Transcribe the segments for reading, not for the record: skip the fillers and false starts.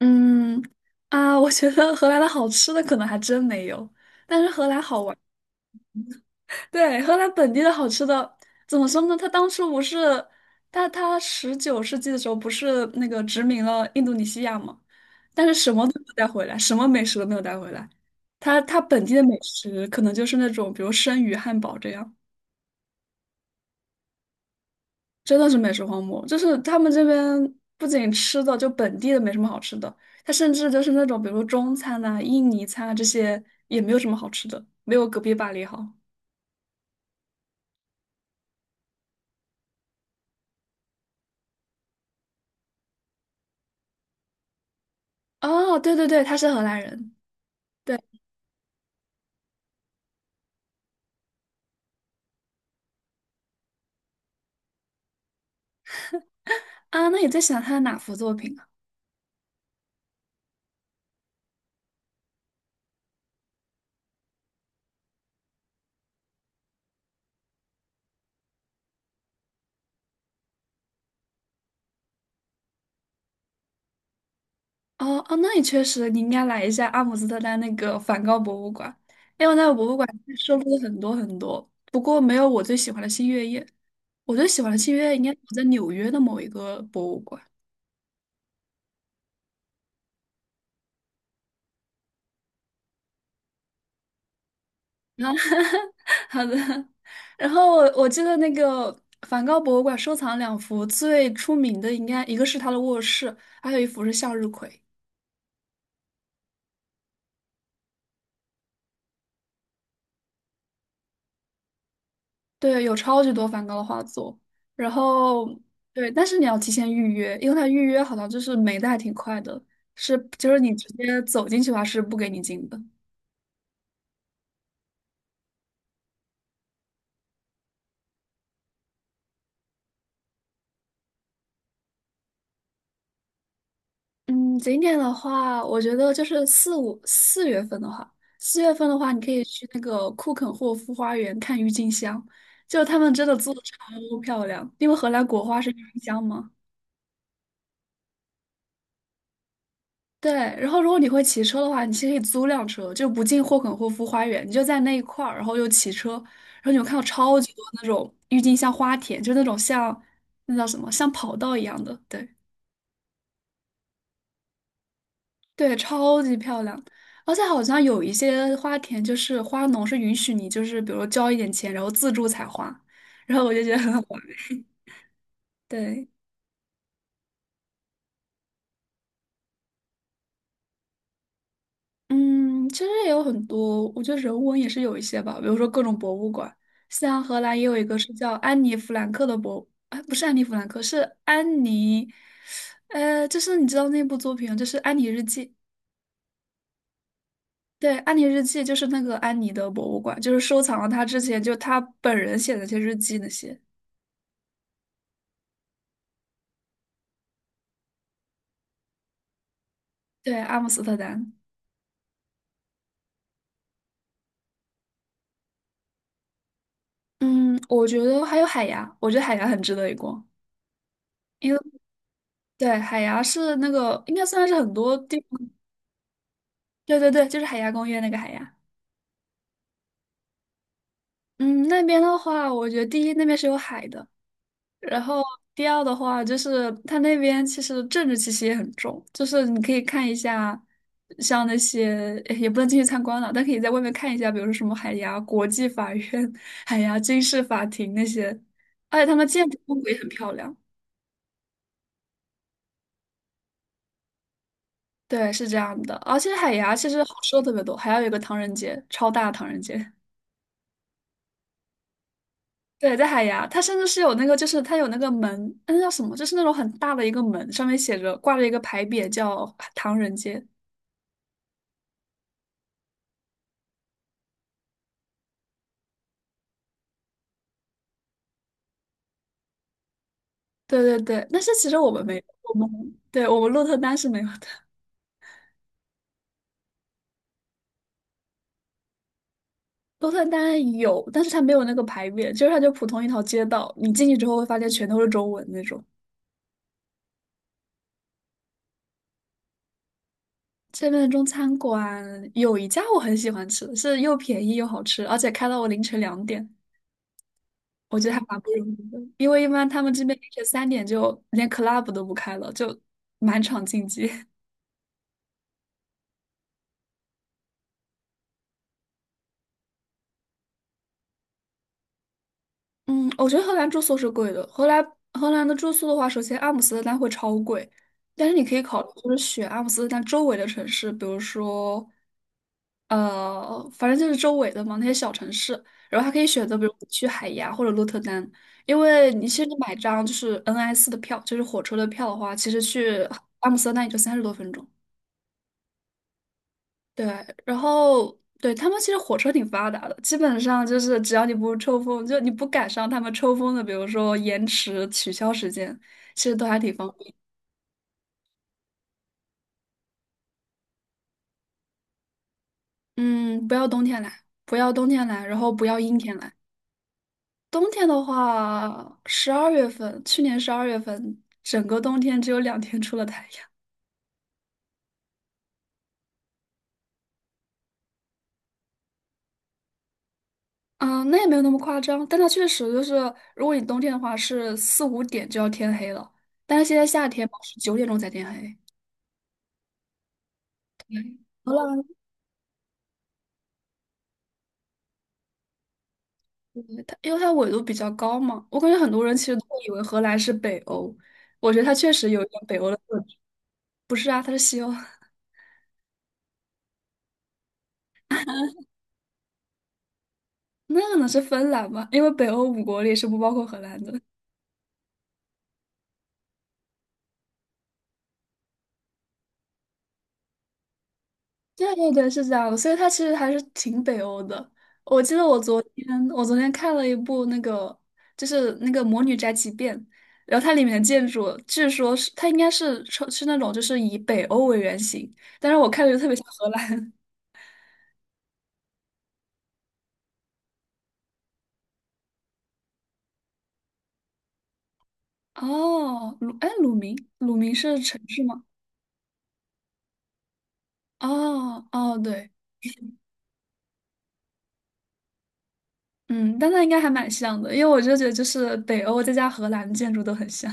嗯啊，我觉得荷兰的好吃的可能还真没有，但是荷兰好玩。对，荷兰本地的好吃的，怎么说呢？他当初不是，他19世纪的时候不是那个殖民了印度尼西亚嘛？但是什么都没有带回来，什么美食都没有带回来。他本地的美食可能就是那种，比如生鱼汉堡这样。真的是美食荒漠，就是他们这边不仅吃的，就本地的没什么好吃的，它甚至就是那种比如说中餐呐、印尼餐啊这些也没有什么好吃的，没有隔壁巴黎好。哦，对对对，他是荷兰人。对啊，那你在想他的哪幅作品啊？哦哦，那你确实你应该来一下阿姆斯特丹那个梵高博物馆，因为那个博物馆收录了很多很多，不过没有我最喜欢的《星月夜》，我最喜欢的《星月夜》应该我在纽约的某一个博物馆。啊，好的。然后我记得那个梵高博物馆收藏两幅最出名的，应该一个是他的卧室，还有一幅是向日葵。对，有超级多梵高的画作。然后对，但是你要提前预约，因为他预约好像就是没的还挺快的，是就是你直接走进去的话是不给你进的。嗯，景点的话，我觉得就是四五四月份的话，四月份的话，你可以去那个库肯霍夫花园看郁金香，就他们真的做的超漂亮，因为荷兰国花是郁金香嘛。对，然后如果你会骑车的话，你其实可以租辆车，就不进霍肯霍夫花园，你就在那一块儿，然后又骑车，然后你会看到超级多那种郁金香花田，就那种像那叫什么，像跑道一样的，对。对，超级漂亮，而且好像有一些花田，就是花农是允许你，就是比如说交一点钱，然后自助采花，然后我就觉得很好玩。对，嗯，其实也有很多，我觉得人文也是有一些吧，比如说各种博物馆，像荷兰也有一个是叫安妮弗兰克的博，哎，不是安妮弗兰克，是安妮，就是你知道那部作品，就是《安妮日记》。对，《安妮日记》就是那个安妮的博物馆，就是收藏了她之前就她本人写的那些日记那些。对，阿姆斯特丹。嗯，我觉得还有海牙，我觉得海牙很值得一逛，因为对海牙是那个应该算是很多地方，对对对，就是海牙公约那个海牙。嗯，那边的话，我觉得第一那边是有海的，然后第二的话就是它那边其实政治气息也很重，就是你可以看一下，像那些诶也不能进去参观了，但可以在外面看一下，比如说什么海牙国际法院、海牙军事法庭那些，而且他们建筑风格也很漂亮。对，是这样的。而且海牙其实好吃的特别多，还有一个唐人街，超大唐人街。对，在海牙，它甚至是有那个，就是它有那个门，那叫什么？就是那种很大的一个门，上面写着挂着一个牌匾，叫唐人街。对对对，但是其实我们没有我们对我们鹿特丹是没有的。鹿特丹有，但是它没有那个牌匾，就是它就普通一条街道，你进去之后会发现全都是中文那种。这边的中餐馆有一家我很喜欢吃，是又便宜又好吃，而且开到我凌晨2点。我觉得还蛮不容易的，因为一般他们这边凌晨3点就连 club 都不开了，就满场竞技。嗯，我觉得荷兰住宿是贵的。荷兰的住宿的话，首先阿姆斯特丹会超贵，但是你可以考虑就是选阿姆斯特丹周围的城市，比如说反正就是周围的嘛那些小城市，然后还可以选择比如去海牙或者鹿特丹，因为你其实你买张就是 NS 的票，就是火车的票的话，其实去阿姆斯特丹也就30多分钟。对，然后对他们其实火车挺发达的，基本上就是只要你不抽风，就你不赶上他们抽风的，比如说延迟、取消时间，其实都还挺方便。嗯，不要冬天来，不要冬天来，然后不要阴天来。冬天的话，十二月份，去年十二月份，整个冬天只有2天出了太阳。嗯，那也没有那么夸张，但它确实就是，如果你冬天的话，是4、5点就要天黑了，但是现在夏天嘛是9点钟才天黑。嗯对它因为它纬度比较高嘛，我感觉很多人其实都会以为荷兰是北欧，我觉得它确实有一点北欧的特质。不是啊，它是西欧，那可能是芬兰吧，因为北欧五国里是不包括荷兰的。对对对，是这样的，所以它其实还是挺北欧的。我记得我昨天看了一部那个就是那个《魔女宅急便》，然后它里面的建筑据说是它应该是那种就是以北欧为原型，但是我看着就特别像荷兰。哦，鲁，哎，鲁明，鲁明是城市吗？哦，哦，对，嗯，但那应该还蛮像的，因为我就觉得就是北欧再加荷兰的建筑都很像。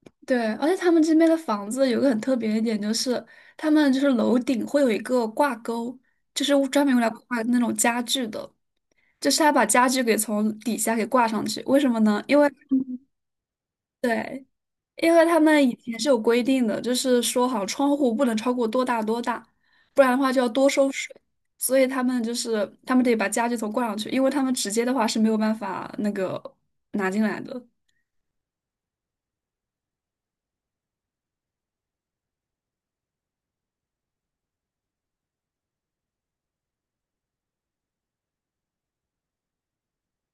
对，而且他们这边的房子有个很特别的点，就是他们就是楼顶会有一个挂钩，就是专门用来挂那种家具的，就是他把家具给从底下给挂上去。为什么呢？因为，对，因为他们以前是有规定的，就是说好像窗户不能超过多大多大，不然的话就要多收水。所以他们就是他们得把家具头挂上去，因为他们直接的话是没有办法那个拿进来的。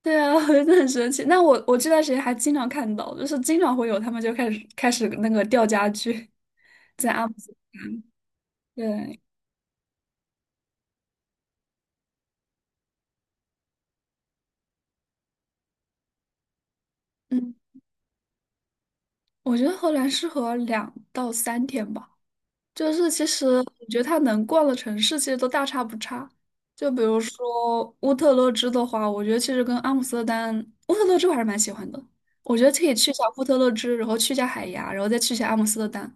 对啊，我觉得很神奇。那我我这段时间还经常看到，就是经常会有他们就开始那个吊家具，在阿姆斯。对，嗯，我觉得荷兰适合2到3天吧。就是其实我觉得它能逛的城市其实都大差不差。就比如说乌特勒支的话，我觉得其实跟阿姆斯特丹、乌特勒支我还是蛮喜欢的。我觉得可以去一下乌特勒支，然后去一下海牙，然后再去一下阿姆斯特丹。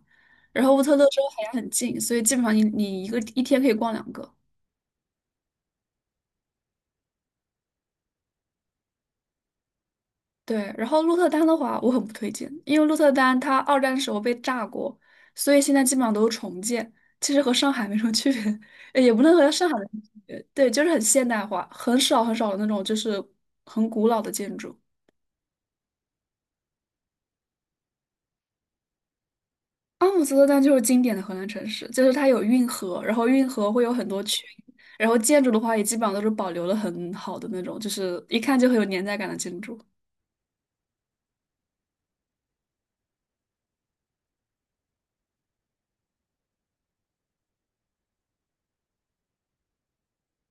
然后乌特勒支和海牙很近，所以基本上你一个一天可以逛两个。对，然后鹿特丹的话，我很不推荐，因为鹿特丹它二战的时候被炸过，所以现在基本上都是重建，其实和上海没什么区别，也不能和上海的区别，对，就是很现代化，很少很少的那种就是很古老的建筑。阿姆斯特丹就是经典的荷兰城市，就是它有运河，然后运河会有很多群，然后建筑的话也基本上都是保留了很好的那种，就是一看就很有年代感的建筑。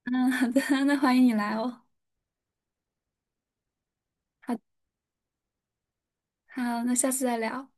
嗯，好的，那欢迎你来哦。好，好，那下次再聊。